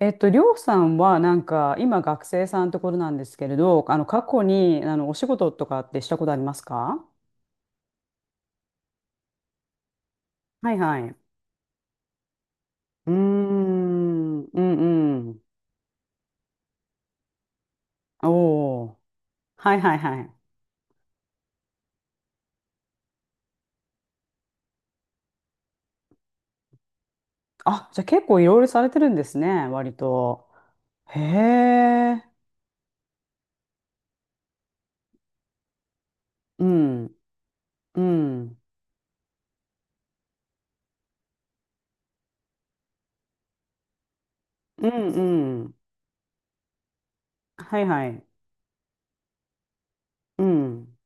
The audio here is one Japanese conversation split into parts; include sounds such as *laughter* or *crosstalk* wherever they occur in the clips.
りょうさんはなんか今学生さんところなんですけれど、過去にお仕事とかってしたことありますか？はいはい。うーん、うんうん。おお。はいはいはい。あ、じゃあ結構いろいろされてるんですね、割と。へえ。うん、うん、うんうん。はいはい。うん。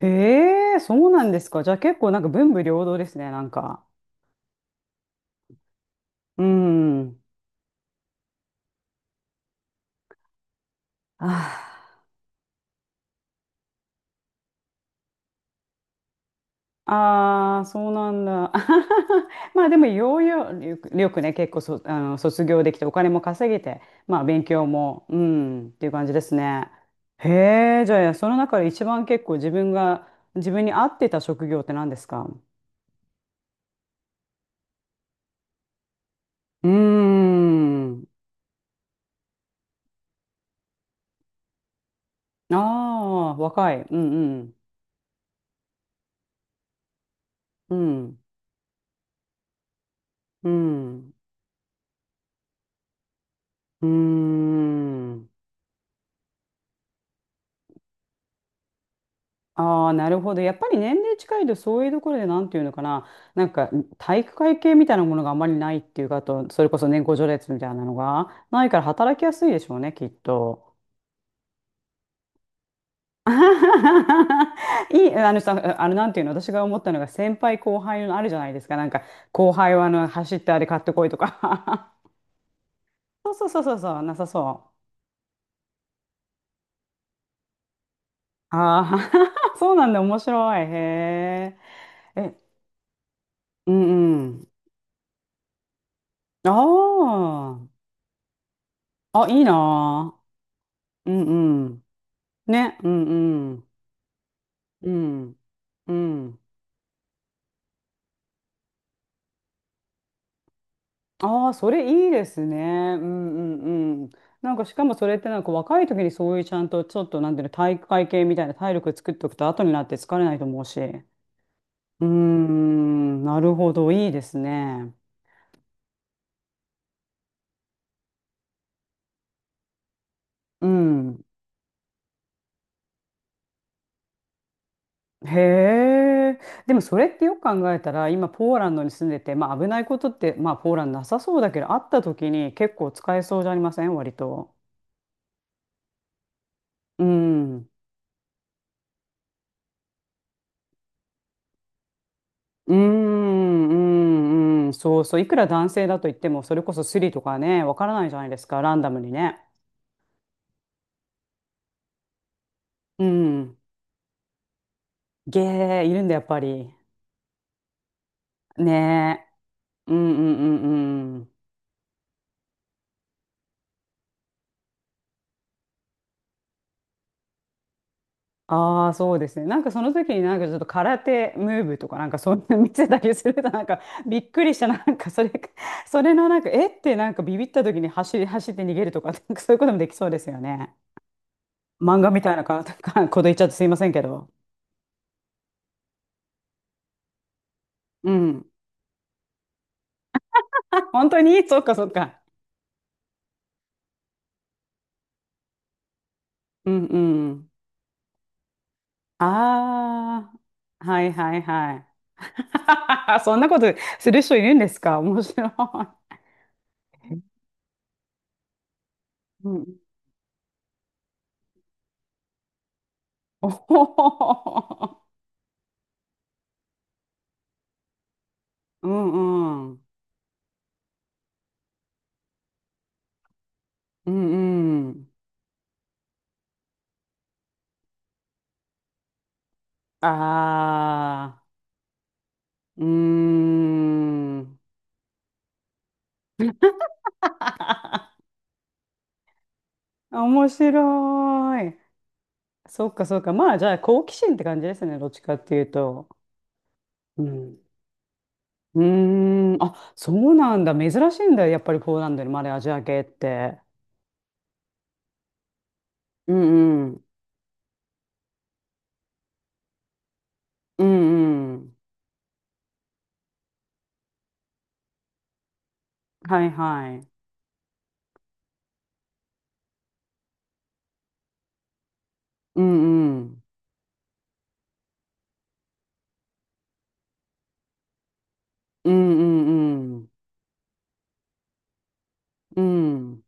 へえ、そうなんですか。じゃあ結構なんか文武両道ですね、なんか。うん。ああ。ああ、そうなんだ。*laughs* まあでも、よくよくね、結構そ、あの、卒業できて、お金も稼げて、まあ勉強も、うん、っていう感じですね。へえ、じゃあ、その中で一番結構自分が、自分に合ってた職業って何ですか？うーん。ああ、若い。うんうん。うん。うん。うーん。ああ、なるほど。やっぱり年齢近いと、そういうところで、なんていうのかな、なんか体育会系みたいなものがあまりないっていうか、あと、それこそ年功序列みたいなのがないから働きやすいでしょうね、きっと。*laughs* あはははいい、あのさ、なんていうの、私が思ったのが、先輩後輩のあるじゃないですか、なんか、後輩は走ってあれ買ってこいとか。*laughs* そうそうそうそうそう、なさそう。ああ、*laughs* そうなんだ、面白い。へえ。え、うんうん。ああ、あ、いいなあ。うんうん。ね、うんうん。うん、うん。ああ、それいいですね。うんうんうん。なんかしかもそれってなんか若い時にそういうちゃんとちょっとなんていうの体育会系みたいな体力作っておくと後になって疲れないと思うし。うーん、なるほど、いいですね。うん。へえ。でもそれってよく考えたら今ポーランドに住んでて、まあ危ないことってまあポーランドなさそうだけどあった時に結構使えそうじゃありません割と？うん。うーん、うん、うん、そうそう、いくら男性だと言っても、それこそスリとかね、わからないじゃないですか、ランダムにね。うん。ゲー、いるんだ、やっぱり。ねえ。うんうんうんうん。ああ、そうですね。なんかその時になんかちょっと空手ムーブとかなんかそんな見せたりするとなんかびっくりした、なんかそれ、それのなんか、えってなんかビビった時に走って逃げるとか、なんかそういうこともできそうですよね。漫画みたいなか、*laughs* かこと言っちゃってすいませんけど。うん。*laughs* 本当に *laughs* そうかそうか。うんうん。ああ、はいはいはい。*laughs* そんなことする人いるんですか？面白い。*laughs* うん。おほほほほうんうん。うんうん。ああ、うーん。面白い。そっかそっか。まあじゃあ好奇心って感じですね。どっちかっていうと。うん。うーん。あ、そうなんだ。珍しいんだ。やっぱりポーランドにまでアジア系って。うんうん。うんうん。はいはい。うんうん。うんうんうん。うん。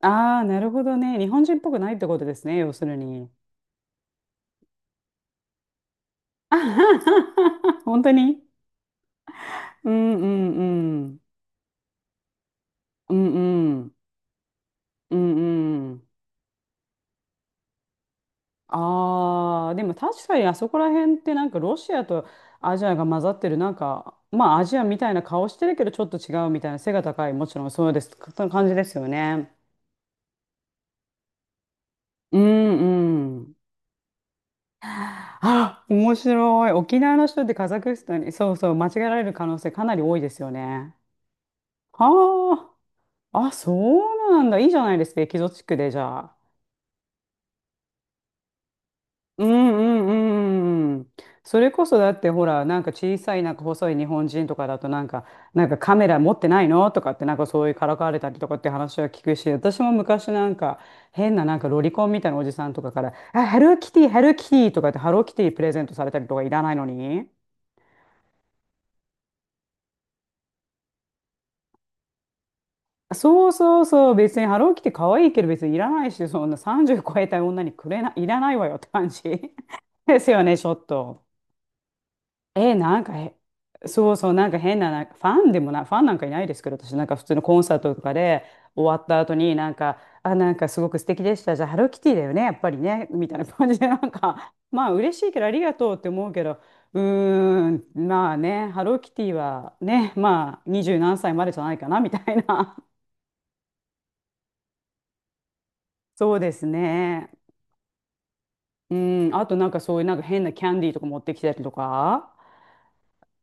ああ、なるほどね。日本人っぽくないってことですね、要するに。*laughs* あははは本当にうんうんうん。うんうん。うんうん。ああ、でも確かにあそこら辺ってなんかロシアとアジアが混ざってる、なんか、まあアジアみたいな顔してるけどちょっと違うみたいな背が高い、もちろんそうです。その感じですよね。うんうん。あ、面白い。沖縄の人ってカザフスタンに、そうそう、間違えられる可能性かなり多いですよね。はあ、あ、そうなんだ。いいじゃないですか、エキゾチックで、じゃあ。うんうんうんうん。それこそだってほら、なんか小さい、なんか細い日本人とかだと、なんか、なんかカメラ持ってないのとかって、なんかそういうからかわれたりとかって話は聞くし、私も昔なんか、変ななんかロリコンみたいなおじさんとかから、あ、ハローキティ、ハローキティとかって、ハローキティプレゼントされたりとかいらないのに。そうそうそう、別にハローキティ可愛いけど別にいらないし、そんな30超えた女にくれな、いらないわよって感じ *laughs* ですよね、ちょっと。え、なんかへ、そうそう、なんか変な、なんかファンでもな、ファンなんかいないですけど、私なんか普通のコンサートとかで終わった後になんか、あ、なんかすごく素敵でした。じゃあハローキティだよね、やっぱりね、みたいな感じで、なんか、まあ嬉しいけどありがとうって思うけど、うーん、まあね、ハローキティはね、まあ二十何歳までじゃないかな、みたいな。*laughs* そうですね。うん、あとなんかそういうなんか変なキャンディーとか持ってきたりとか、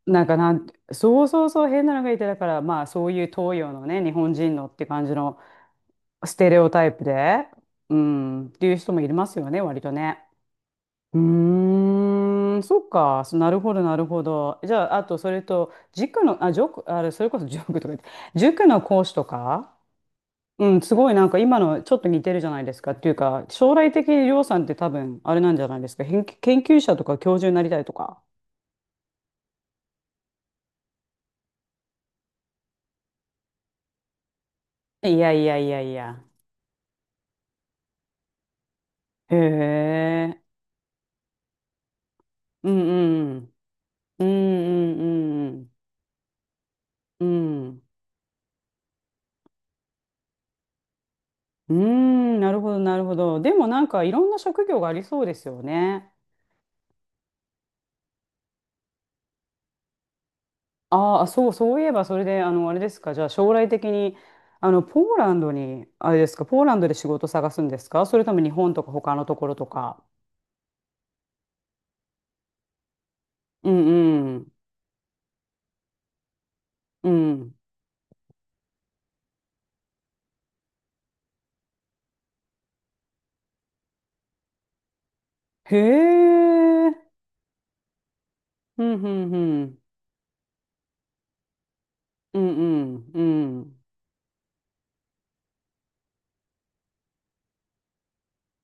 なんかなん、そうそうそう変なのがいて、だからまあそういう東洋のね、日本人のって感じのステレオタイプで、うん、っていう人もいますよね、割とね。うーん、そっか、そなるほど、なるほど。じゃあ、あとそれと、塾の、あ、塾、あれ、それこそ塾とか言って、塾の講師とか。うん、すごいなんか今のちょっと似てるじゃないですかっていうか、将来的にりょうさんって多分あれなんじゃないですか。研究者とか教授になりたいとか。いやいやいやいや。へえ。うんうん。うんうんうんうん。うん。うん、なるほどなるほど。でもなんかいろんな職業がありそうですよね。ああ、そう、そういえばそれで、あの、あれですか。じゃあ将来的に、あの、ポーランドに、あれですか、ポーランドで仕事探すんですか？それとも日本とか他のところとか？うんうん。うん。へえ。うん、うん、うん。うん、うん、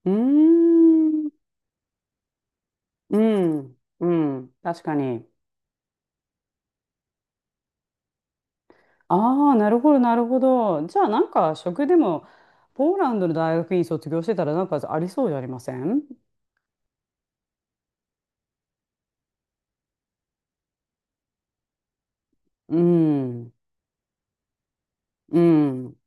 うん。うーん。うん。うん。確かに。ああ、なるほど、なるほど。じゃあ、なんか、食でも、ポーランドの大学院卒業してたら、なんかありそうじゃありませんうん。うん。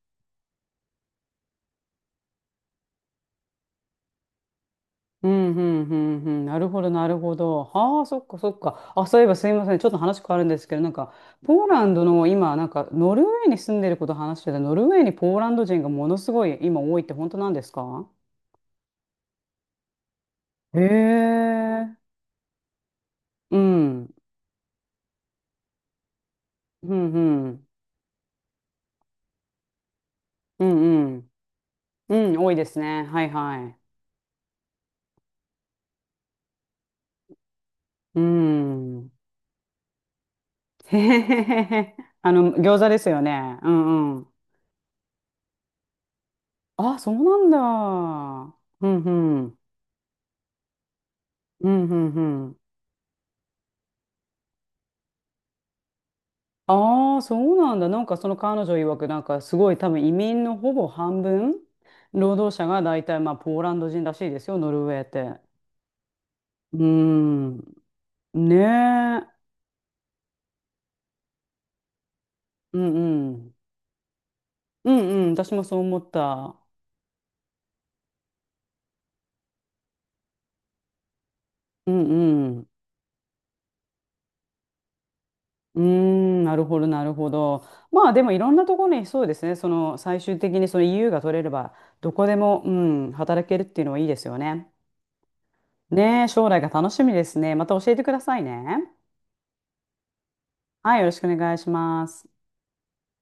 うん、うん、うん、うん。なるほど、なるほど。はあ、そっか、そっか。あ、そういえばすいません。ちょっと話変わるんですけど、なんか、ポーランドの今、なんか、ノルウェーに住んでること話してた、ノルウェーにポーランド人がものすごい今多いって本当なんですか？へえ。うん、うん、うん、うん、うん、うん多いですね。はい、はい。うん。*laughs* へへへへへ。あの、餃子ですよね。うん、うん。あ、そうなんだ。うん、うん、うん、うん、うん。ああ、そうなんだ。なんかその彼女曰く、なんかすごい多分移民のほぼ半分、労働者が大体まあポーランド人らしいですよ、ノルウェーって。うーん。ねえ。うんうん。うんうん。私もそう思った。うんうん。うーん、なるほど、なるほど。まあでもいろんなところにそうですね、その最終的にその EU が取れれば、どこでも、うん、働けるっていうのはいいですよね。ねえ、将来が楽しみですね。また教えてくださいね。はい、よろしくお願いします。